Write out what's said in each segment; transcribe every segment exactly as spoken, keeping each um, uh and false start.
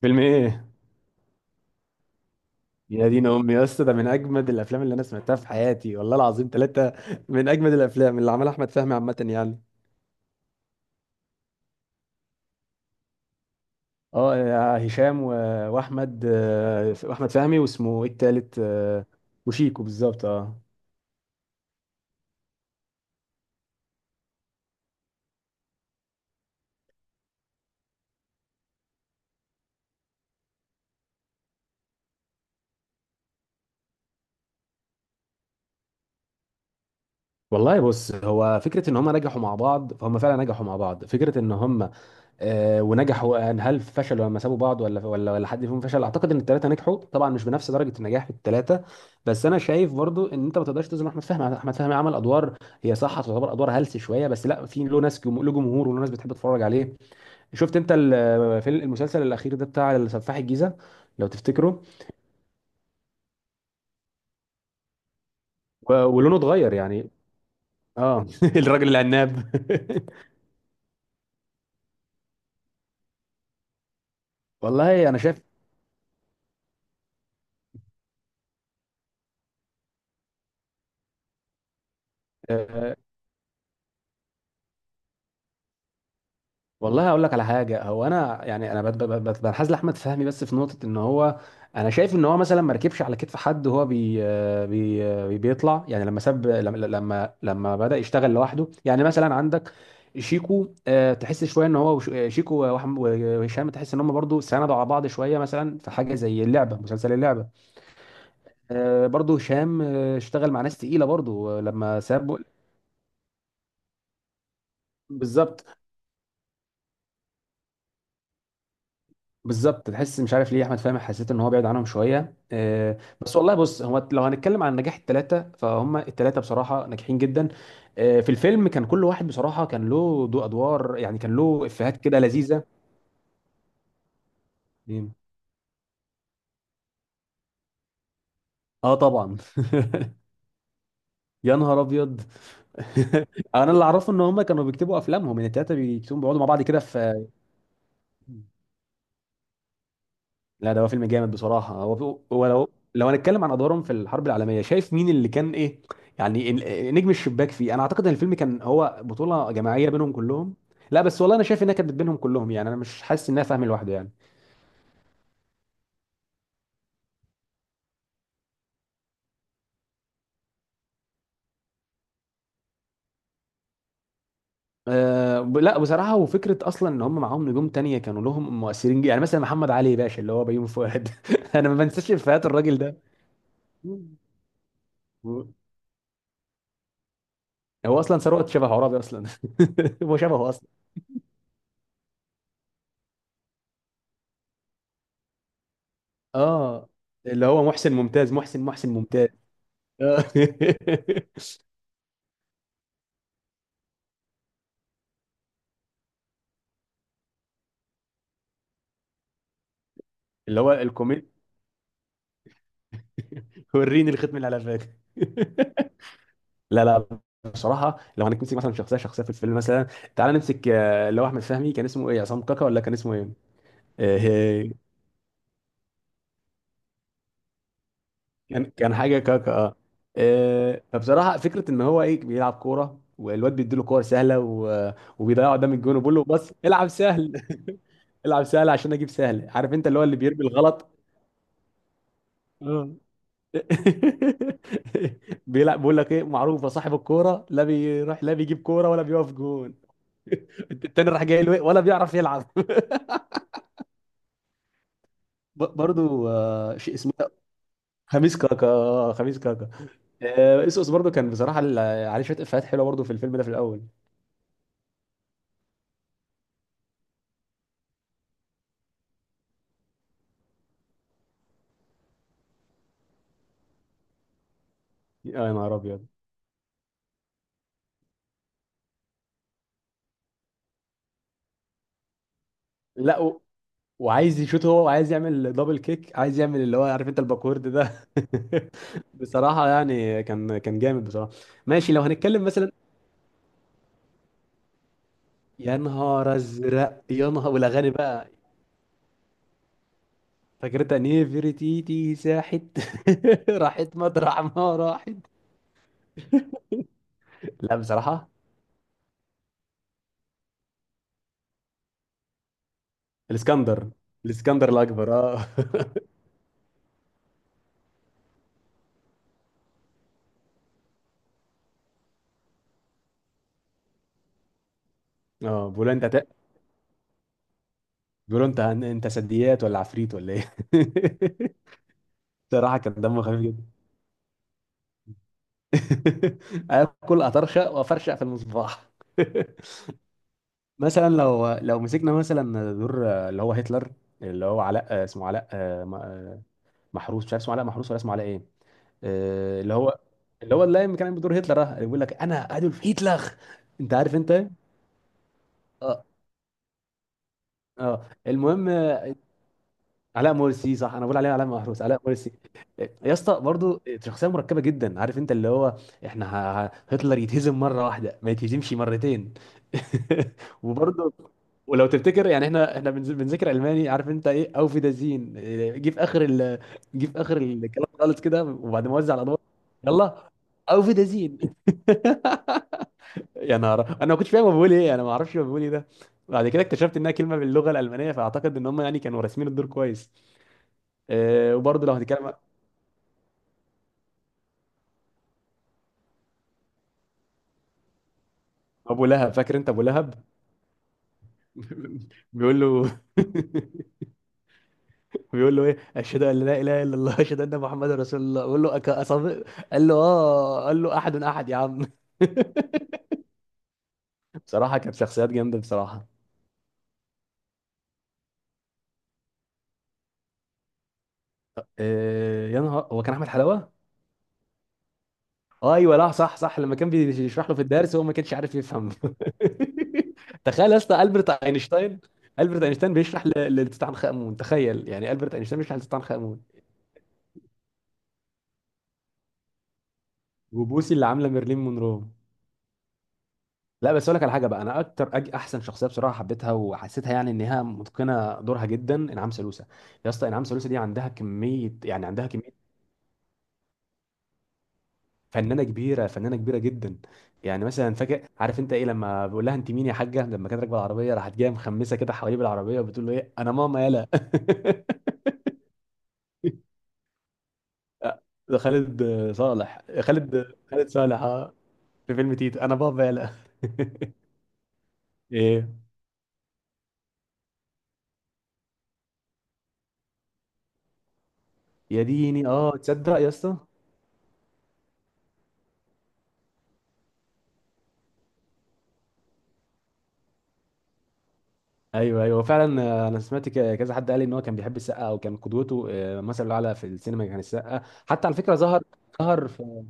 فيلم ايه؟ يا دين امي يا اسطى، ده من اجمد الافلام اللي انا سمعتها في حياتي والله العظيم. ثلاثه من اجمد الافلام اللي عملها احمد فهمي عامه، يعني. اه، يا هشام و... واحمد آه، واحمد فهمي، واسمه ايه التالت؟ آه، وشيكو، بالظبط، اه. والله، بص، هو فكره ان هم نجحوا مع بعض، فهم فعلا نجحوا مع بعض. فكره ان هم آه، ونجحوا، يعني هل فشلوا لما سابوا بعض؟ ولا ولا ولا حد فيهم فشل. اعتقد ان الثلاثه نجحوا طبعا، مش بنفس درجه النجاح في الثلاثه. بس انا شايف برضو ان انت ما تقدرش تظلم احمد فهمي. احمد فهمي عمل ادوار، هي صح تعتبر ادوار هلس شويه، بس لا، في له ناس جم- له جمهور، وله ناس بتحب تتفرج عليه. شفت انت ال- في المسلسل الاخير ده، بتاع سفاح الجيزه، لو تفتكره؟ و- ولونه اتغير، يعني. اه الراجل العناب. والله انا شايف. والله هقول لك على حاجه. هو انا يعني انا بت- بت- بت- بنحاز لاحمد فهمي، بس في نقطه ان هو. انا شايف ان هو مثلا ما ركبش على كتف حد، وهو بي آه، بي آه، بيطلع، يعني لما ساب، لما لما لما بدا يشتغل لوحده. يعني مثلا عندك شيكو، آه، تحس شويه ان هو وش- آه، شيكو وأحم- وهشام، تحس ان هم برضو ساندوا على بعض شويه، مثلا في حاجه زي اللعبه، مسلسل اللعبه. آه، برضو هشام آه، اشتغل مع ناس تقيله برضو، آه، لما ساب. بالظبط، بالظبط. تحس مش عارف ليه احمد فهمي، حسيت ان هو بعيد عنهم شويه، آه، بس والله بص، هو لو هنتكلم عن نجاح الثلاثه، فهم الثلاثه بصراحه ناجحين جدا. آه، في الفيلم كان كل واحد بصراحه كان له دو ادوار، يعني كان له افيهات كده لذيذه. اه، طبعا يا نهار ابيض انا اللي اعرفه ان هم كانوا بيكتبوا افلامهم، يعني الثلاثه بيكتبوا، بيقعدوا مع بعض كده في لا، ده هو فيلم جامد بصراحة. هو هو لو لو هنتكلم عن أدوارهم في الحرب العالمية، شايف مين اللي كان إيه؟ يعني ال- نجم الشباك فيه، أنا أعتقد إن الفيلم كان هو بطولة جماعية بينهم كلهم. لا بس والله أنا شايف إنها كانت بينهم كلهم، يعني أنا مش حاسس إنها فاهم لوحده، يعني. أه، ب- لا بصراحة، وفكرة أصلا إن هم معاهم نجوم تانية كانوا لهم مؤثرين جدا، يعني مثلا محمد علي باشا اللي هو بيومي فؤاد أنا ما بنساش إفيهات الراجل ده. هو أصلا ثروت شبه عرابي أصلا. هو شبهه أصلا. اه، اللي هو محسن ممتاز، محسن محسن ممتاز. آه. اللي هو الكوميدي، وريني الختم اللي على فاك لا، لا. بصراحه لو هنمسك مثلا شخصيه شخصيه في الفيلم مثلا، تعال نمسك آه، اللي هو احمد فهمي. كان اسمه ايه، عصام كاكا ولا كان اسمه ايه؟ آه، كان كان حاجه كاكا، اه. آه، فبصراحه فكره ان هو ايه، بيلعب كوره، والواد بيديله كور سهله و- وبيضيعها قدام الجون، وبيقول له بس العب سهل العب سهل عشان اجيب سهل، عارف انت اللي هو اللي بيرمي الغلط بيلعب، بيقول لك ايه معروفه، صاحب الكوره لا بيروح، لا بيجيب كوره، ولا بيقف جون التاني راح جاي له إيه؟ ولا بيعرف يلعب ب- برضو آه، شيء اسمه ده، خميس كاكا آه، خميس كاكا. آه، اسقس برضو كان بصراحه ال- عليه شويه افيهات حلوه برضو في الفيلم ده في الاول. يا نهار ابيض. لا و... وعايز يشوت، هو وعايز يعمل دبل كيك، عايز يعمل اللي هو، عارف انت الباكورد ده بصراحه، يعني كان كان جامد بصراحه. ماشي لو هنتكلم مثلا. يا نهار ازرق، يا نهار، والاغاني بقى، فكرتها نيفرتيتي ساحت راحت مطرح ما راحت. لا بصراحه، الاسكندر الاسكندر الاكبر، اه اه، بيقولوا انت ت... بيقولوا انت انت سديات ولا عفريت ولا ايه بصراحه كان دمه خفيف جدا اكل، اطرشق وافرشق في المصباح مثلا لو لو مسكنا مثلا دور اللي هو هتلر، اللي هو علاء، اسمه علاء محروس، مش عارف اسمه علاء محروس ولا اسمه علاء ايه. آه، اللي هو اللي هو اللي كان عامل بدور هتلر ده، اللي بيقول لك انا ادولف هتلر، انت عارف انت ايه؟ اه، اه، المهم، آه، علاء مرسي صح، انا بقول عليه علاء محروس، علاء مرسي. آه، يا اسطى برضه شخصيه مركبه جدا، عارف انت اللي هو احنا ه... ه- هتلر يتهزم مره واحده، ما يتهزمش مرتين وبرضه، ولو تفتكر يعني، احنا احنا بنز- بنذاكر الماني، عارف انت ايه، او في دازين، جه في اخر ال... جه في اخر الكلام خالص كده، وبعد ما وزع الادوار، يلا، او في. يا نهار، انا ما كنتش فاهم هو بيقول ايه، انا ما اعرفش هو بيقول ايه ده. بعد كده اكتشفت انها كلمه باللغه الالمانيه، فاعتقد ان هم يعني كانوا راسمين الدور كويس. أه، وبرضه لو هنتكلم، ابو لهب، فاكر انت ابو لهب؟ بيقول له بيقول له ايه، اشهد ان لا اله الا الله، اشهد ان محمد رسول الله، بيقول له أك- أصدق. قال له اه، قال له احد احد يا عم بصراحه كانت شخصيات جامده بصراحه. أه، يا نهار، هو كان احمد حلاوه؟ ايوه، لا، صح صح، لما كان بيشرح له في الدرس هو ما كانش عارف يفهم. تخيل يا اسطى، البرت اينشتاين. البرت اينشتاين بيشرح ل- لتوتنخ امون، تخيل يعني البرت اينشتاين بيشرح لتوتنخ امون. وبوسي اللي عامله ميرلين مونرو. لا بس اقول لك على حاجه بقى، انا اكتر أج... احسن شخصيه بصراحه حبيتها، وحسيتها يعني انها متقنه دورها جدا، انعام سالوسه. يا اسطى، انعام سالوسه دي عندها كميه، يعني عندها كميه. فنانه كبيره، فنانه كبيره جدا. يعني مثلا فاكر، عارف انت ايه، لما بقول لها انت مين يا حاجه، لما كانت راكبه العربيه، راحت جايه مخمسه كده حواليه بالعربيه، وبتقول له ايه، انا ماما يالا ده خالد صالح، خالد خالد صالح، اه. في فيلم تيتو، انا بابا يالا ايه، يا ديني، اه تصدق يا اسطى. ايوه، ايوه فعلا، آه، انا سمعت ك- كذا حد قال لي ان هو كان بيحب السقا او كان قدوته، آه، مثل اعلى في السينما كان السقا. حتى على فكره، ظهر ظهر في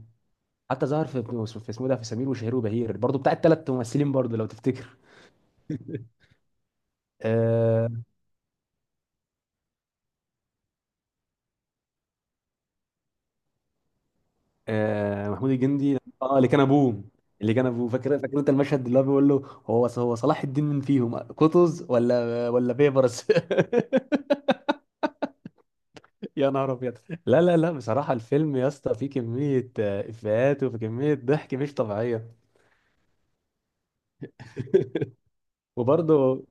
حتى ظهر في في اسمه ده، في سمير وشهير وبهير برضه، بتاع الثلاث ممثلين برضه، لو تفتكر. آه آه محمود الجندي، اه، اللي كان ابوه اللي كان ابوه فاكر فاكر انت المشهد اللي هو بيقول له، هو هو صلاح الدين من فيهم، قطز ولا ولا بيبرس يا نهار ابيض. لا لا لا بصراحه الفيلم يا اسطى فيه كميه آه، افيهات، وفي كميه ضحك مش طبيعيه وبرضه،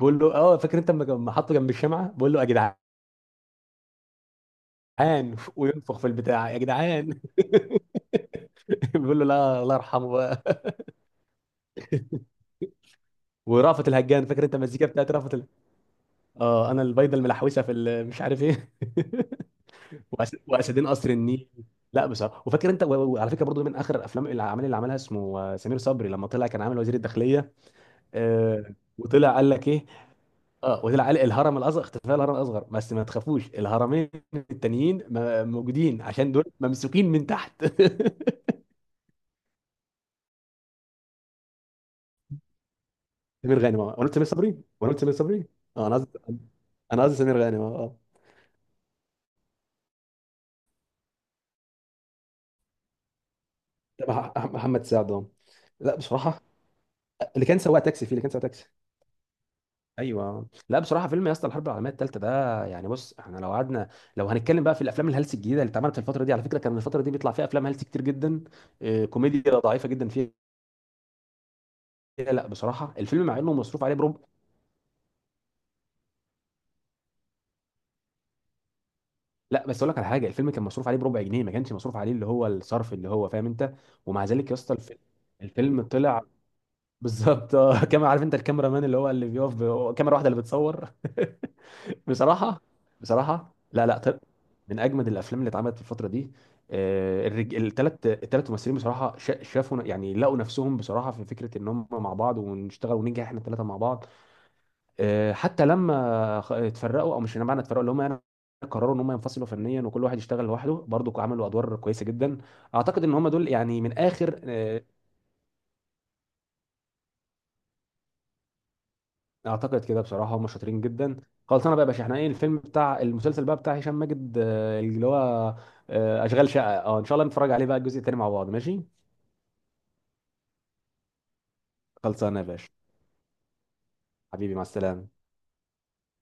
بقول له اه، فاكر انت لما لما حطه جنب الشمعه، بقول له يا جدعان، وينفخ في البتاع يا جدعان بيقول له لا، الله يرحمه بقى. ورأفت الهجان، فاكر انت المزيكا بتاعت رأفت ال... اه، انا البيضه الملحوسه في ال... مش عارف ايه وأس- واسدين قصر النيل. لا بصراحه، وفاكر انت و- وعلى فكره برضو من اخر الافلام، الاعمال اللي عملها اسمه آه، سمير صبري، لما طلع كان عامل وزير الداخليه، آه وطلع قال لك ايه، اه وطلع قال الهرم الاصغر، اختفاء الهرم الاصغر، بس ما تخافوش الهرمين التانيين م- موجودين، عشان دول ممسوكين من تحت سمير غانم. آه. وانا قلت سمير صبري وانا قلت سمير صبري اه، انا قصدي انا قصدي سمير غانم اه آه. مع محمد سعد، اه. لا بصراحه، اللي كان سواق تاكسي فيه، اللي كان سواق تاكسي. ايوه، لا بصراحه، فيلم يا اسطى الحرب العالميه الثالثه ده، يعني بص احنا لو قعدنا، لو هنتكلم بقى في الافلام الهلس الجديده اللي اتعملت في الفتره دي، على فكره كان الفتره دي بيطلع فيها افلام هلس كتير جدا، آه، كوميديا ضعيفه جدا فيها. لا بصراحه الفيلم مع انه مصروف عليه بربع. لا بس اقول لك على حاجه، الفيلم كان مصروف عليه بربع جنيه، ما كانش مصروف عليه اللي هو الصرف اللي هو، فاهم انت. ومع ذلك يا اسطى، الفيلم الفيلم طلع بالظبط، آه، كما عارف انت، الكاميرا مان اللي هو اللي بيقف ب- كاميرا واحده اللي بتصور بصراحة، بصراحة، لا لا، طب، من أجمد الأفلام اللي اتعملت في الفترة دي، آه، الرج... التلات التلات ممثلين بصراحة شا- شافوا، يعني لقوا نفسهم بصراحة في فكرة إن هم مع بعض، ونشتغل وننجح إحنا التلاتة مع بعض. آه، حتى لما خ- اتفرقوا، أو مش معنى اتفرقوا اللي هم، يعني قرروا إن هم ينفصلوا فنيا، وكل واحد يشتغل لوحده، برضو عملوا أدوار كويسة جدا. أعتقد إن هم دول يعني من آخر، آه، اعتقد كده بصراحه هم شاطرين جدا. خلاص، انا بقى يا باشا، احنا ايه الفيلم، بتاع المسلسل بقى بتاع هشام ماجد آه، اللي هو آه، اشغال شقه، اه. ان شاء الله نتفرج عليه بقى الجزء التاني مع بعض، ماشي. خلصانه يا باشا. حبيبي مع السلامه.